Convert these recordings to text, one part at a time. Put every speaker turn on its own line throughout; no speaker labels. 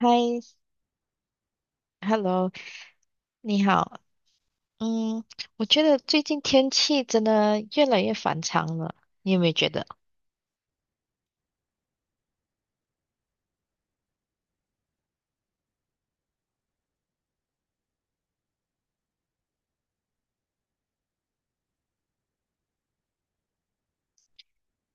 嗨，Hello，你好。嗯，我觉得最近天气真的越来越反常了，你有没有觉得？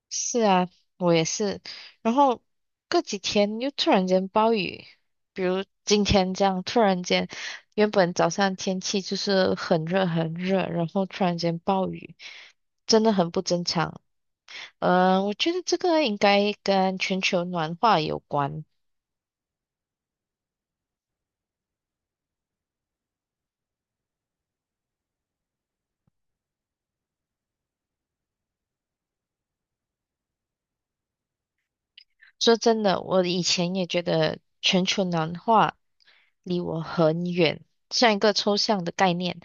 是啊，我也是。然后过几天又突然间暴雨，比如今天这样，突然间，原本早上天气就是很热很热，然后突然间暴雨，真的很不正常。我觉得这个应该跟全球暖化有关。说真的，我以前也觉得全球暖化离我很远，像一个抽象的概念，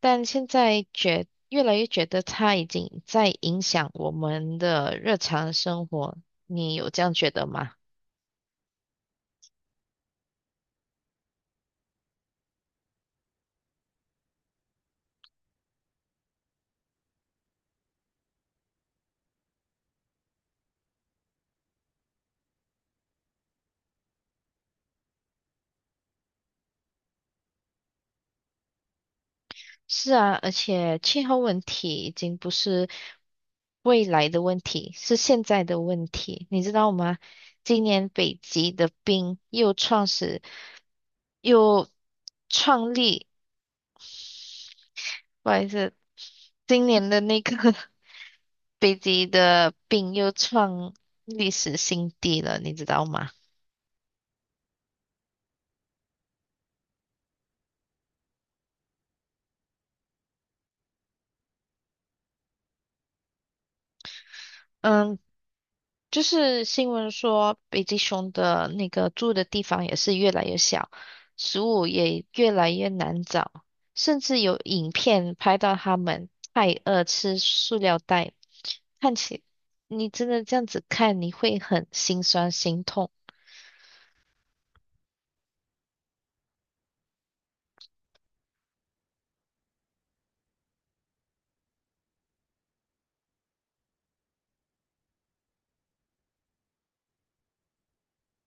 但现在越来越觉得它已经在影响我们的日常生活。你有这样觉得吗？是啊，而且气候问题已经不是未来的问题，是现在的问题，你知道吗？今年北极的冰又创始，又创立。不好意思，今年的那个 北极的病又创历史新低了，你知道吗？嗯，就是新闻说北极熊的那个住的地方也是越来越小，食物也越来越难找，甚至有影片拍到它们太饿吃塑料袋，看起你真的这样子看，你会很心酸心痛。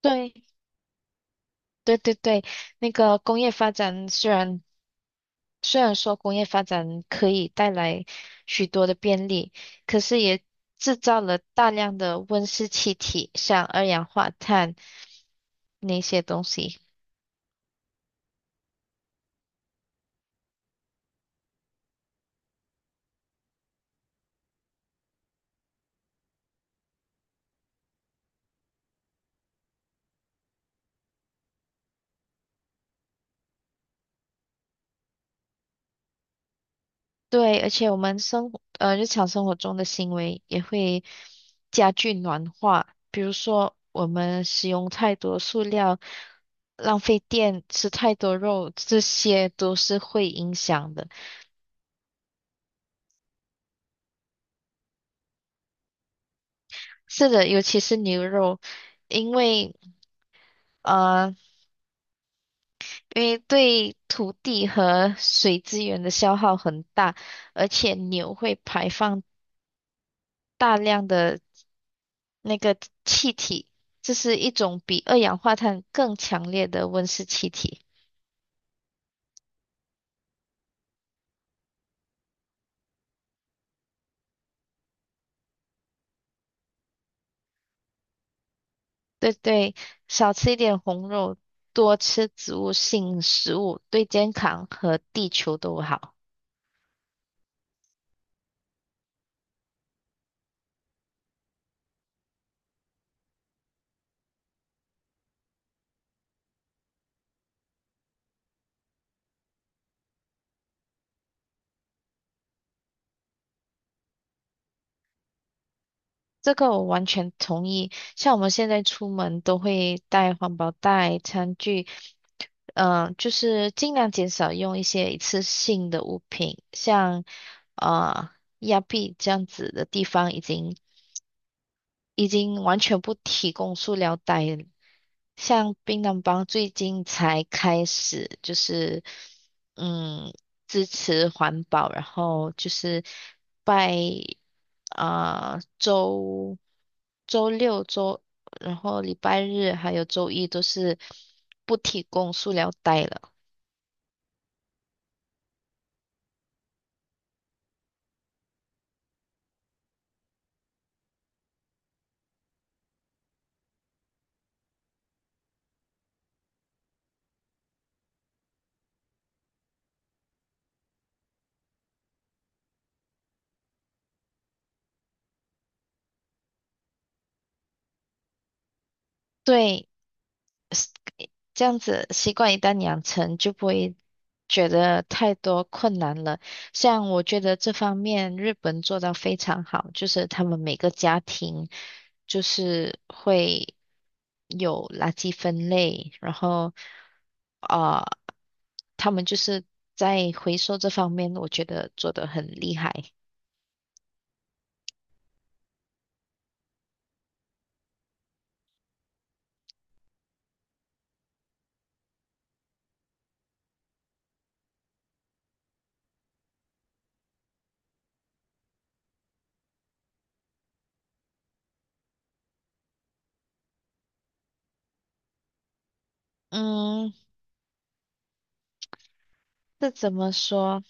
对对对对，那个工业发展虽然说工业发展可以带来许多的便利，可是也制造了大量的温室气体，像二氧化碳那些东西。对，而且我们生活，日常生活中的行为也会加剧暖化，比如说我们使用太多塑料，浪费电，吃太多肉，这些都是会影响的。是的，尤其是牛肉，因为。呃因为对土地和水资源的消耗很大，而且牛会排放大量的那个气体，这是一种比二氧化碳更强烈的温室气体。对对，少吃一点红肉，多吃植物性食物，对健康和地球都好。这个我完全同意。像我们现在出门都会带环保袋、餐具。就是尽量减少用一些一次性的物品，像呃亚庇这样子的地方已经完全不提供塑料袋了，像槟榔帮最近才开始就是嗯支持环保，然后就是拜啊、呃周周六周，然后礼拜日还有周一都是不提供塑料袋了。对，是这样子习惯一旦养成，就不会觉得太多困难了。像我觉得这方面日本做到非常好，就是他们每个家庭就是会有垃圾分类，然后啊、呃他们就是在回收这方面，我觉得做得很厉害。嗯，这怎么说？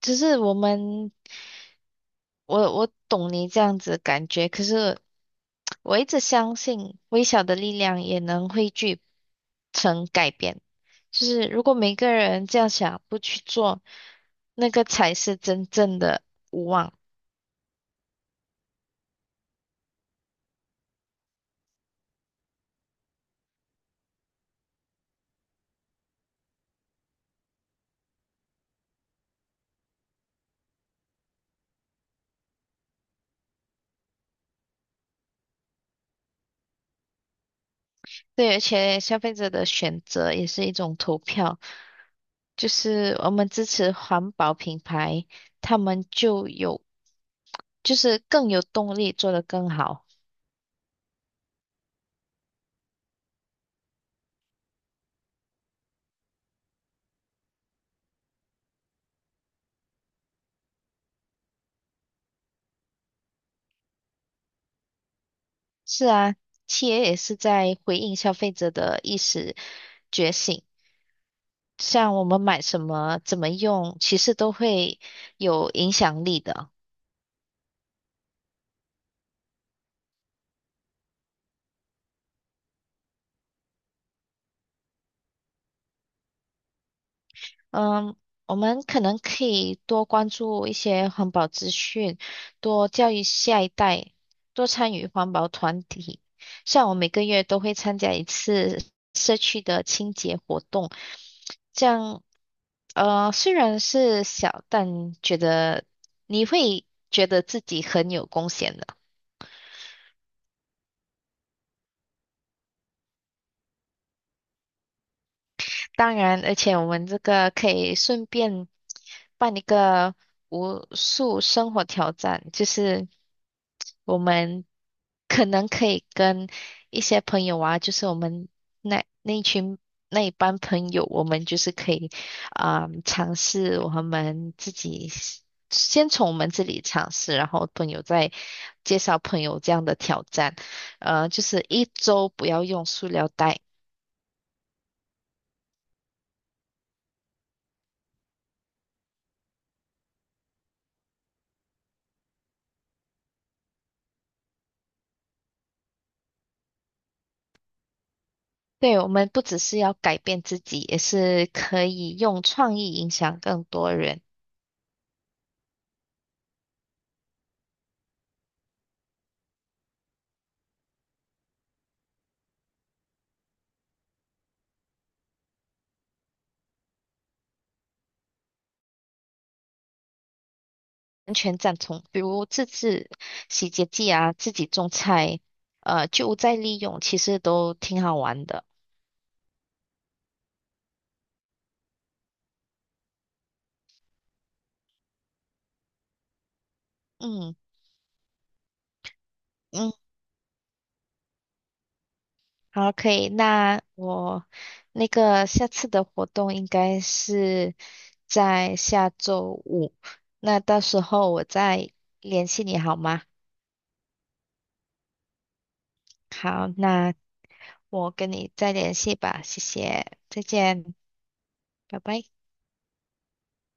只是我们。我懂你这样子的感觉，可是我一直相信微小的力量也能汇聚成改变。就是如果每个人这样想，不去做，那个才是真正的无望。对，而且消费者的选择也是一种投票，就是我们支持环保品牌，他们就有，就是更有动力做得更好。是啊，企业也是在回应消费者的意识觉醒。像我们买什么、怎么用，其实都会有影响力的。嗯，我们可能可以多关注一些环保资讯，多教育下一代，多参与环保团体。像我每个月都会参加一次。社区。动，这样虽然是小，但觉得你会觉得自己很有贡献的。当然，而且我们这个可以顺便办一个无数生活挑战，就是我们可能可以跟一些朋友啊，就是我们那那一群那一班朋友，我们就是可以尝试我们自己先从我们这里尝试，然后朋友再介绍朋友这样的挑战，就是一周不要用塑料袋。对，我们不只是要改变自己，也是可以用创意影响更多人。完全赞同，比如自制洗洁剂啊，自己种菜，就再利用，其实都挺好玩的。嗯嗯，好，可以。那我那个下次的活动应该是在下周五，那到时候我再联系你好吗？好，那我跟你再联系吧，谢谢，再见。拜拜。